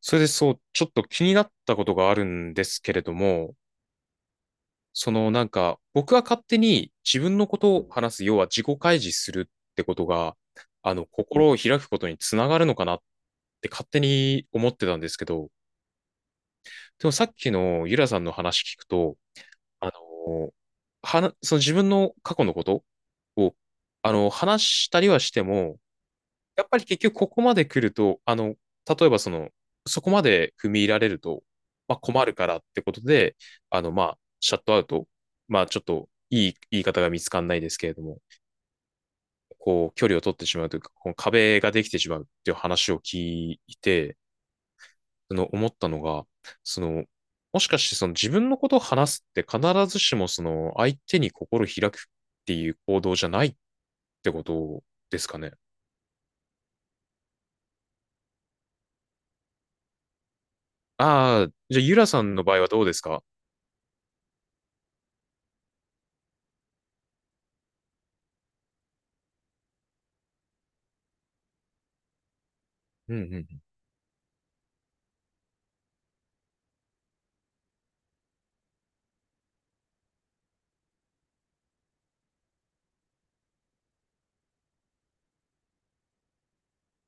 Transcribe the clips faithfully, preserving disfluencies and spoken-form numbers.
それでそう、ちょっと気になったことがあるんですけれども、そのなんか、僕は勝手に自分のことを話す、要は自己開示するってことが、あの、心を開くことにつながるのかなって勝手に思ってたんですけど、でもさっきのゆらさんの話聞くと、あの、はな、その自分の過去のことを、あの、話したりはしても、やっぱり結局ここまで来ると、あの、例えばその、そこまで踏み入られると、まあ困るからってことで、あの、まあ、シャットアウト、まあちょっといい言い方が見つかんないですけれども、こう、距離を取ってしまうというか、この壁ができてしまうっていう話を聞いて、その思ったのが、その、もしかしてその自分のことを話すって必ずしもその相手に心開くっていう行動じゃないってことですかね。ああ、じゃあユラさんの場合はどうですか？うんうん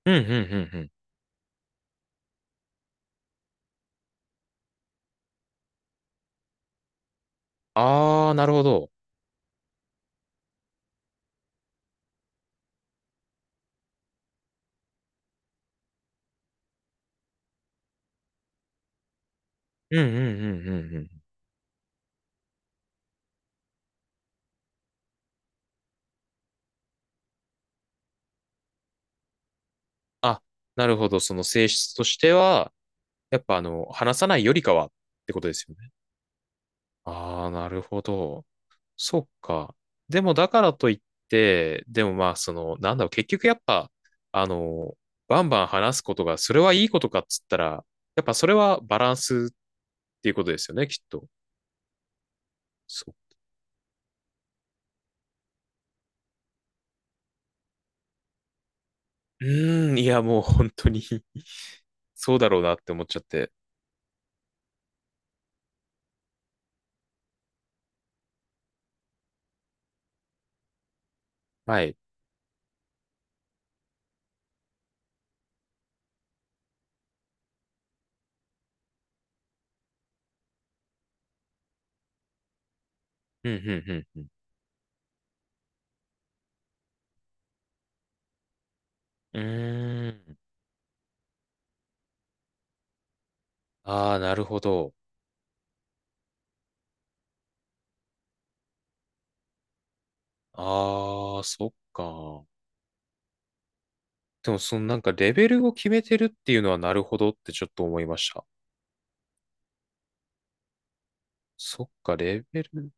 うんうんうんうん。ああ、なるほど。うんうんうんうんうん。あ、なるほど。その性質としては、やっぱあの、話さないよりかはってことですよね。ああ、なるほど。そっか。でもだからといって、でもまあ、その、なんだろう、結局やっぱ、あの、バンバン話すことが、それはいいことかっつったら、やっぱそれはバランスっていうことですよね、きっと。そう。うーん、いや、もう本当に そうだろうなって思っちゃって。はい。うんうんうんうん。うーん。ああ、なるほど。ああ、そっか。でも、そのなんかレベルを決めてるっていうのはなるほどってちょっと思いました。そっか、レベル。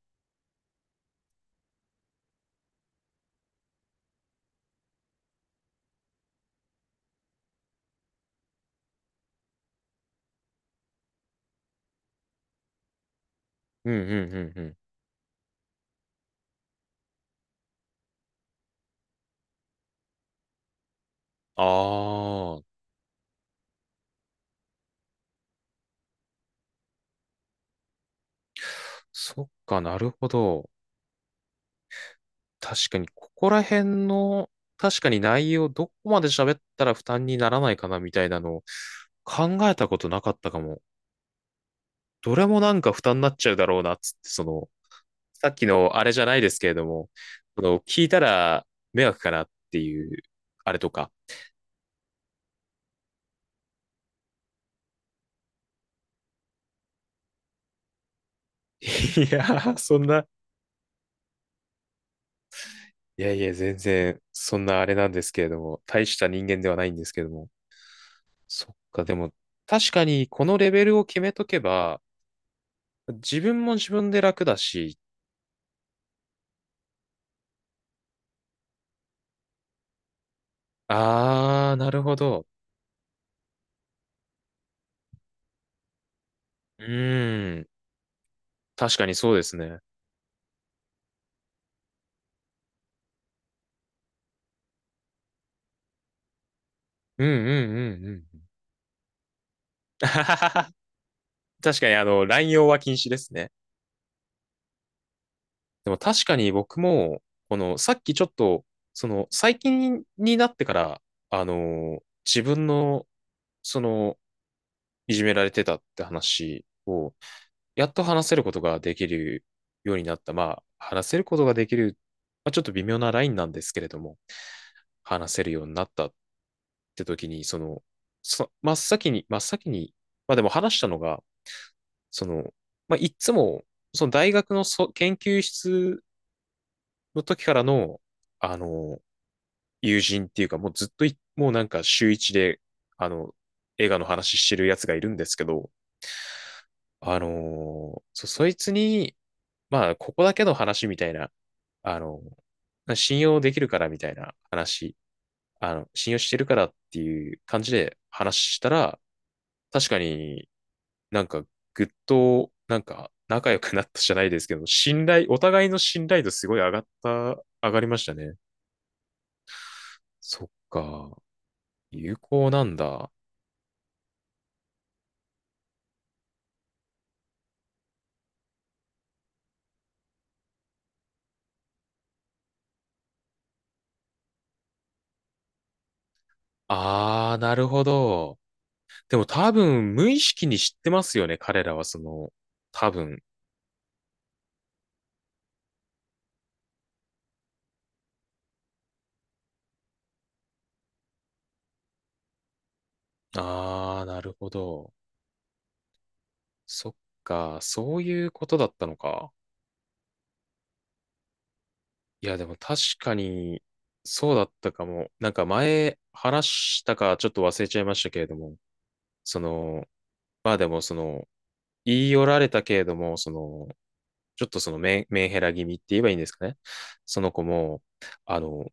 うんうんうんうん。ああ、そっか、なるほど。確かに、ここら辺の、確かに内容、どこまで喋ったら負担にならないかなみたいなのを考えたことなかったかも。どれもなんか負担になっちゃうだろうなつって、その、さっきのあれじゃないですけれども、この聞いたら迷惑かなっていう、あれとか。いやー、そんな、いやいや、全然、そんなあれなんですけれども、大した人間ではないんですけれども。そっか、でも、確かにこのレベルを決めとけば、自分も自分で楽だし、あー、なるほど。うーん、確かにそうですね。うんうんうんうん。確かに、あの、乱用は禁止ですね。でも確かに僕も、この、さっきちょっと、その、最近になってから、あの自分の、その、いじめられてたって話を、やっと話せることができるようになった。まあ、話せることができる、まあ、ちょっと微妙なラインなんですけれども、話せるようになったって時に、その、そ、真っ先に、真っ先に、まあでも話したのが、その、まあ、いっつも、その大学のそ研究室の時からの、あの、友人っていうか、もうずっとい、もうなんか週一で、あの、映画の話してるやつがいるんですけど、あのーそ、そいつに、まあ、ここだけの話みたいな、あの、信用できるからみたいな話、あの、信用してるからっていう感じで話したら、確かになんかぐっと、なんか仲良くなったじゃないですけど、信頼、お互いの信頼度すごい上がった、上がりましたね。そっか。有効なんだ。あー、なるほど。でも多分無意識に知ってますよね。彼らはその、多分。あー、なるほど。そっか。そういうことだったのか。いや、でも確かに、そうだったかも。なんか前話したかちょっと忘れちゃいましたけれども、その、まあでもその、言い寄られたけれども、その、ちょっとそのメン、メンヘラ気味って言えばいいんですかね。その子も、あの、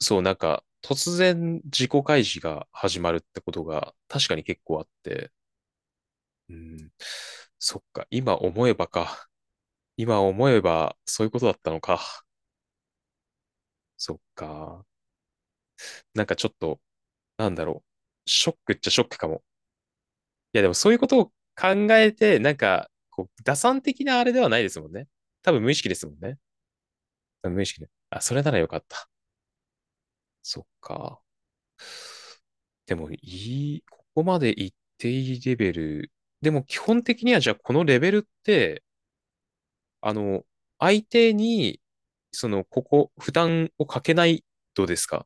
そう、なんか、突然自己開示が始まるってことが確かに結構あって、うん、そっか、今思えばか。今思えばそういうことだったのか。そっか。なんかちょっと、なんだろう。ショックっちゃショックかも。いや、でもそういうことを考えて、なんか、こう、打算的なあれではないですもんね。多分無意識ですもんね。多分無意識で。あ、それならよかった。そっか。でもいい、ここまでいっていいレベル。でも基本的にはじゃあこのレベルって、あの、相手に、その、ここ、負担をかけないうですか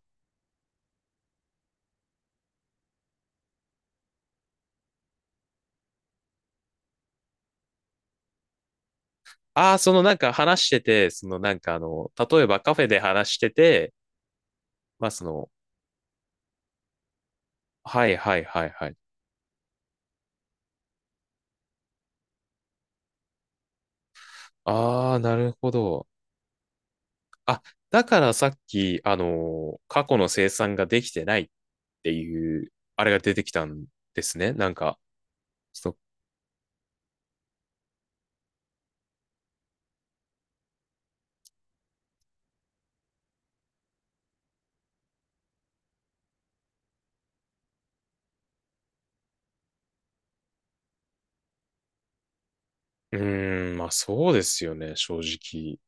ああー、そのなんか話してて、そのなんかあの、例えばカフェで話してて、まあその、はいはいはいはい。ああ、なるほど。あ、だからさっき、あの、過去の生産ができてないっていう、あれが出てきたんですね。なんか、そのうーん、まあそうですよね、正直。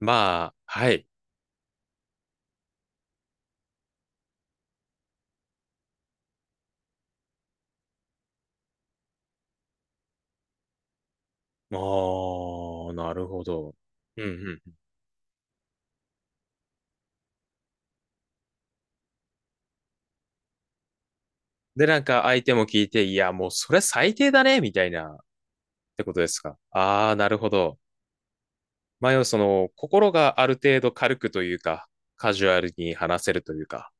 まあ、はい。ああ、なるほど。うんうん。で、なんか相手も聞いて、いや、もうそれ最低だね、みたいな、ってことですか。ああ、なるほど。まあ、要はその、心がある程度軽くというか、カジュアルに話せるというか。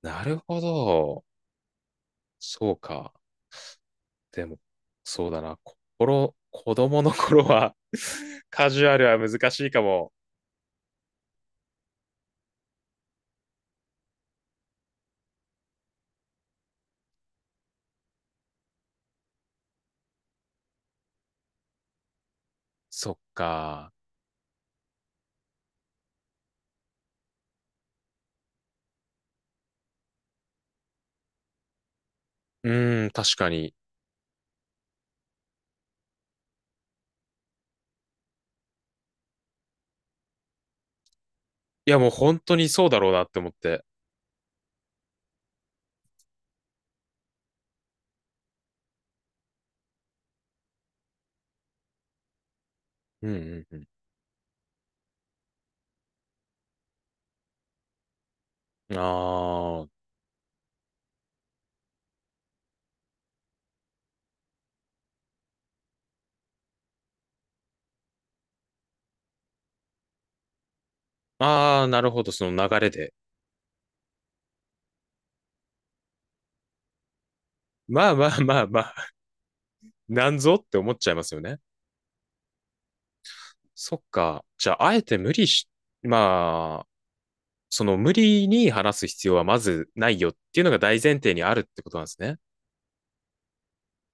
なるほど。そうか。でも、そうだな。心、子供の頃は カジュアルは難しいかも。そっか。うーん、確かに。いや、もう本当にそうだろうなって思って。うんうんうん。ああ、ああ、なるほど、その流れで。まあまあまあまあ、なんぞって思っちゃいますよね。そっか。じゃあ、あえて無理し、まあ、その無理に話す必要はまずないよっていうのが大前提にあるってことなんですね。